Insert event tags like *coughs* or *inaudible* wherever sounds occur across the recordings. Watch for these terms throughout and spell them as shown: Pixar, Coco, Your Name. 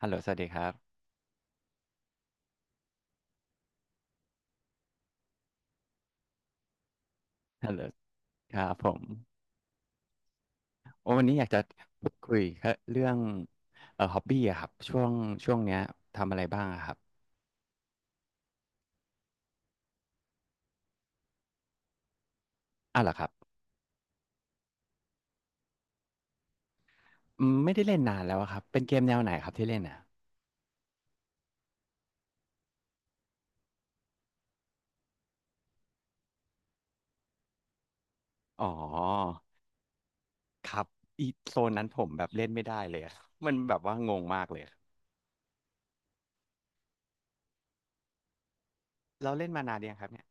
ฮัลโหลสวัสดีครับฮัลโหลครับผมโอ้วันนี้อยากจะพูดคุยเรื่องฮอบบี้อะครับช่วงเนี้ยทำอะไรบ้างอะครับอ้าวเหรอครับอืมไม่ได้เล่นนานแล้วอะครับ เป็นเกมแนวไหนครับที่เล่นอ่ะอ๋อครับอีโซนนั้นผมแบบเล่นไม่ได้เลยอะ *laughs* มันแบบว่างงมากเลยอะเราเล่นมานานยังครับเนี่ย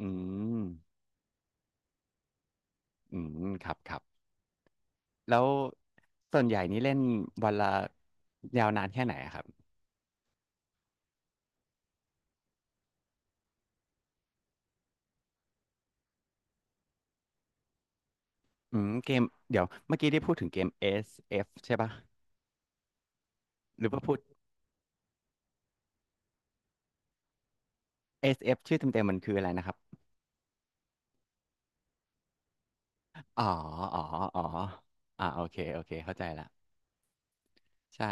อืมอืมครับครับแล้วส่วนใหญ่นี่เล่นวันละยาวนานแค่ไหนอะครับอืมเกมเดี๋ยวเมื่อกี้ได้พูดถึงเกม SF ใช่ปะ หรือว่าพูด SF ชื่อเต็มๆมันคืออะไรนะครับอ๋ออ๋ออ๋ออ่าโอเคโอเคเข้าใจละใช่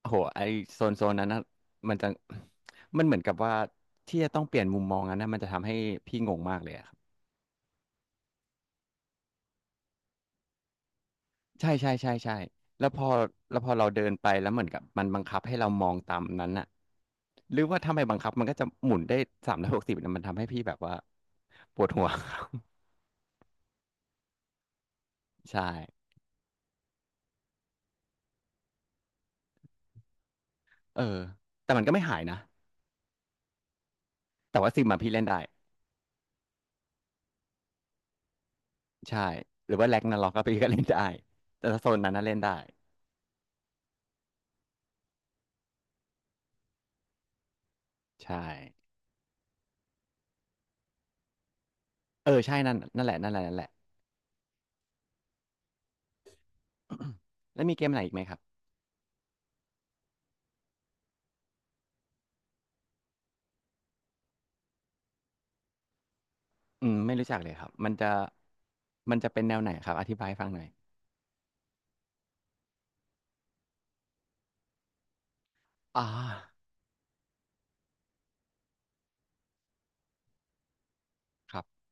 โอ้โหไอโซนโซนนั้นนะมันจะมันเหมือนกับว่าที่จะต้องเปลี่ยนมุมมองนั้นนะมันจะทำให้พี่งงมากเลยอะครับใช่ใช่ใช่ใช่แล้วพอแล้วพอเราเดินไปแล้วเหมือนกับมันบังคับให้เรามองตามนั้นน่ะหรือว่าถ้าไม่บังคับมันก็จะหมุนได้360นะมันทำให้พี่แบบว่าปวดหัว *laughs* ใช่เออแต่มันก็ไม่หายนะแต่ว่าซิมมาพี่เล่นได้ ใช่หรือว่าแร็กนาร็อกก็ไีก็เล่นได้แต่ถ้าโซนนั้นน่ะเล่นได้ใช่เออใช่นั่นนั่นแหละนั่นแหละนั่นแหละ *coughs* แล้วมีเกมไหนอีกไหมครับอืมไม่รู้จักเลยครับมันจะเป็นแนวไหนครับอธิบายให้ฟังหน่อยอ่าครับ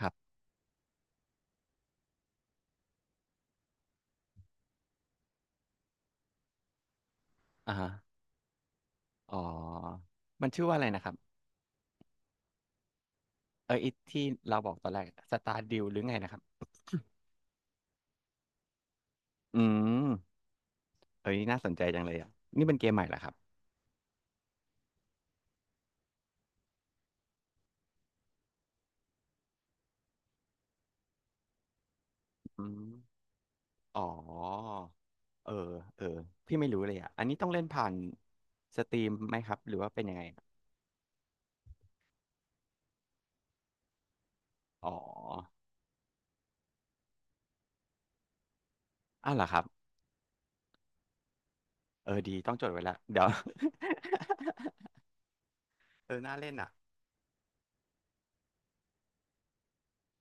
ครับอ่าฮะอ๋อมันชื่อว่าอะไรนะครับเออไอที่เราบอกตอนแรกสตาร์ดิวหรือไงนะครับอืมเอ้ยน่าสนใจจังเลยอ่ะนี่เป็นเกมใหม่เหรอครับอืมอ๋อ เออเออพี่ไม่รู้เลยอ่ะอันนี้ต้องเล่นผ่านสตรีมไหมครับหรือว่าเป็นยังไงอ๋ออ้าวเหรอครับเออดีต้องจดไว้ละเดี๋ยว *laughs* เออน่าเล่นอ่ะ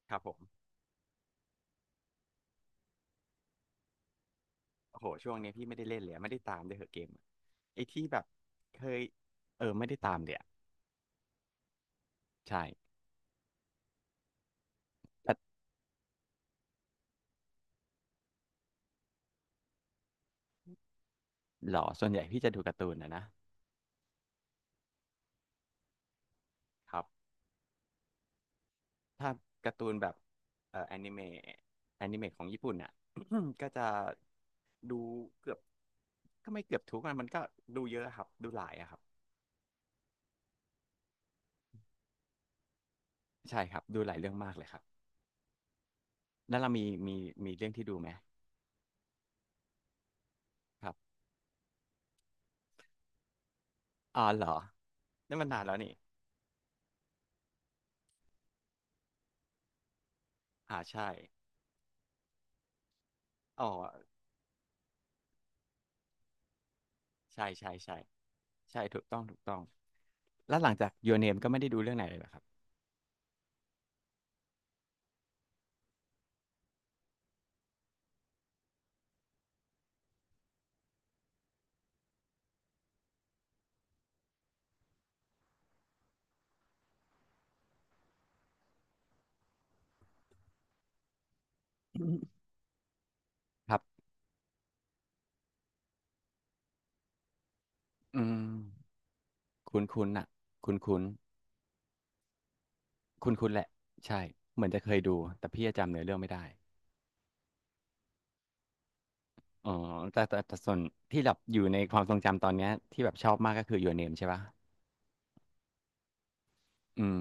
ครับผมโอ้โหช่วงนี้พี่ไม่ได้เล่นเลยอะไม่ได้ตามด้วยเหรอะเกมอะไอ้ที่แบบเคยเออไม่ได้ตามเดี๋ยอะใช่แต่หรอส่วนใหญ่พี่จะดูการ์ตูนนะนะครับ ถ้าการ์ตูนแบบเอ่อแอนิเมะแอนิเมะของญี่ปุ่นน่ะ *clears throat* ก็จะดูเกือบก็ไม่เกือบทุกมันมันก็ดูเยอะครับดูหลายอะครับใช่ครับดูหลายเรื่องมากเลยครับแล้วเรามีมีเรื่องที่ดูไหมครับอ๋อเหรอ นั่นมันนานแล้วนี่อ่าใช่อ๋อใช่ใช่ใช่ใช่ถูกต้องถูกต้องแล้วหลังจาก Your Name ก็ไม่ได้ดูเรื่องไหนเลยเหรอครับ *clears throat* *laughs* ครับอืมคุ้นๆน่ะคุ้นๆคุ้นๆแหละใช่เหมือนจะเคยดูแต่พี่จะจำเนื้อเรื่องไม่ได้ อ๋อแต่ส่วนที่แบบอยู่ในความทรงจำตอนเนี้ยที่แบบชอบมากก็คือ Your Name ใช่ปะอืม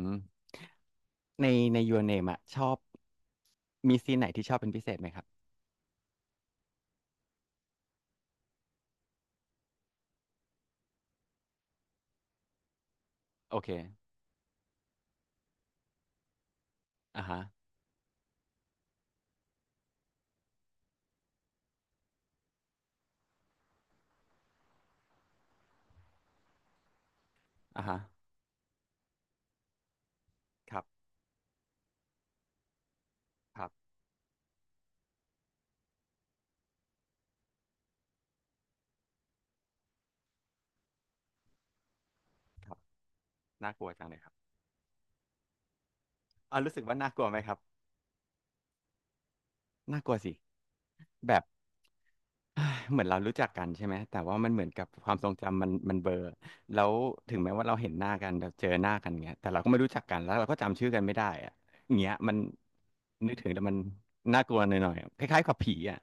ในใน Your Name อะชอบมีซีนไหนที่ชอบเป็นพิเศษไหมครับโอเคอ่าฮะอ่าฮะครับครับครับน่ากลัวจังเลยครับอ่ารู้สึกว่าน่ากลัวไหมครับน่ากลัวสิแบบ *sighs* เอ้ยเหมือนเรารู้จักกันใช่ไหมแต่ว่ามันเหมือนกับความทรงจำมันเบลอแล้วถึงแม้ว่าเราเห็นหน้ากันเราเจอหน้ากันเงี้ยแต่เราก็ไม่รู้จักกันแล้วเราก็จำชื่อกันไม่ได้อะอย่างเงี้ยมันนึกถึงแต่มันน่ากลัวหน่อยๆคล้ายๆกับผีอ่ะ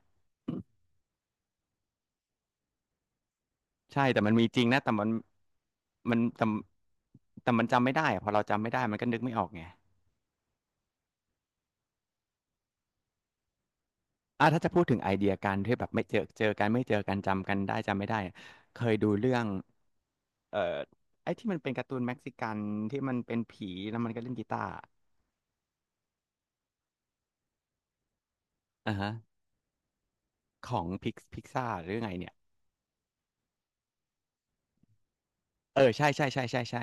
ใช่แต่มันมีจริงนะแต่มันมันแต่แต่มันจำไม่ได้อะพอเราจำไม่ได้มันก็นึกไม่ออกไงอ่ะถ้าจะพูดถึงไอเดียการที่แบบไม่เจอกันจำกันได้จำไม่ได้อะเคยดูเรื่องเอ่อไอ้ที่มันเป็นการ์ตูนเม็กซิกันที่มันเป็นผีแล้วมันก็เล่นกีตาร์ อ่าฮะของพิกซ่าหรือไงเนี่ยเออใช่ใช่ใช่ใช่ใช่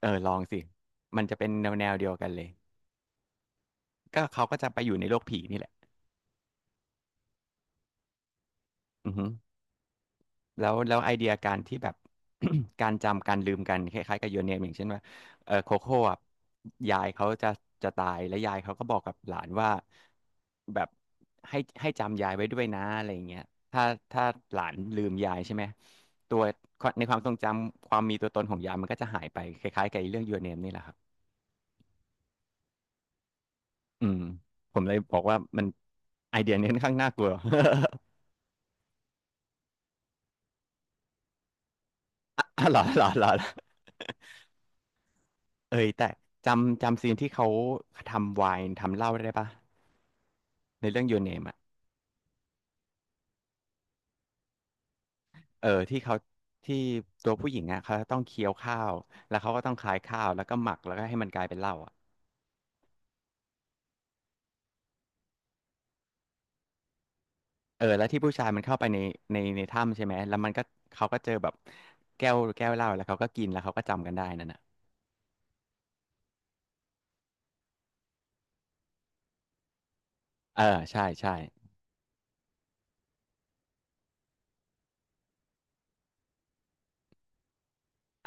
เออลองสิมันจะเป็นแนวแนวเดียวกันเลยก็เขาก็จะไปอยู่ในโลกผีนี่แหละอือฮึแล้วแล้วไอเดียการที่แบบ *coughs* *clears throat* การจำการลืมกันคล้ายๆกับยูเนมอย่างเช่นว่าเออโคโค่อะยายเขาจะจะตายแล้วยายเขาก็บอกกับหลานว่าแบบให้จำยายไว้ด้วยนะอะไรอย่างเงี้ยถ้าถ้าหลานลืมยายใช่ไหมตัวในความทรงจำความมีตัวตนของยายมันก็จะหายไปคล้ายๆกับไอ้เรื่องยูเน n นี่แหละครับ อืมผมเลยบอกว่ามันไอเดียนี้ค่อนข้างน่ากลัว *laughs* อ่ะเหรอเหรอเหรอเหรอเอ้ยแต่จำซีนที่เขาทำไวน์ทำเหล้าได้ปะในเรื่อง Your Name อ่ะเออที่เขาที่ตัวผู้หญิงอ่ะเขาต้องเคี้ยวข้าวแล้วเขาก็ต้องคลายข้าวแล้วก็หมักแล้วก็ให้มันกลายเป็นเหล้าอ่ะเออแล้วที่ผู้ชายมันเข้าไปในในถ้ำใช่ไหมแล้วมันก็เขาก็เจอแบบแก้วเหล้าแล้วเขาก็กินแล้วเขาก็จำกันได้นั่นน่ะเออใช่ใช่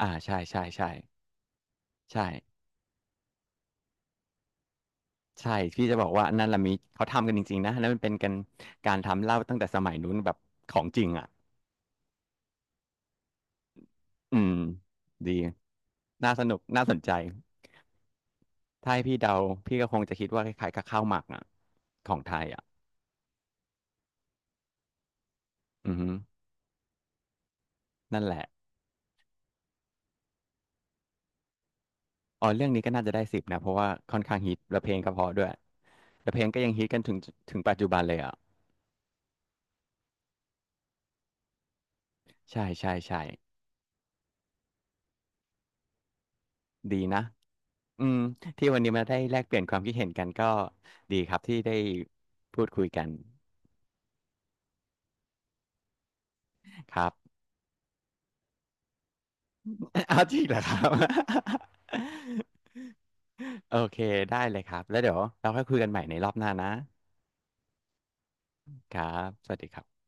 อ่าใช่ใช่ใช่ใช่ ใช่พี่จะบอกว่านั่นละมิเขาทำกันจริงๆนะนั่นมันเป็นกันการทำเหล้าตั้งแต่สมัยนู้นแบบของจริงอ่ะอืมดีน่าสนุกน่าสนใจถ้าให้พี่เดาพี่ก็คงจะคิดว่าคล้ายๆกับข้าวหมักอ่ะของไทยอ่ะอือฮึนั่นแหละอ๋อเรื่องนี้ก็น่าจะได้สิบนะเพราะว่าค่อนข้างฮิตและเพลงก็เพราะด้วยและเพลงก็ยังฮิตกันถึงปัจจุบันเลยอ่ะใช่ใช่ใช่ดีนะอืมที่วันนี้มาได้แลกเปลี่ยนความคิดเห็นกันก็ดีครับที่ได้พูดคุยกันครับ เอาจริงเหรอครับ *laughs* โอเคได้เลยครับแล้วเดี๋ยวเราค่อยคุยกันใหม่ในรอบหน้านะครับสวัสดีครับ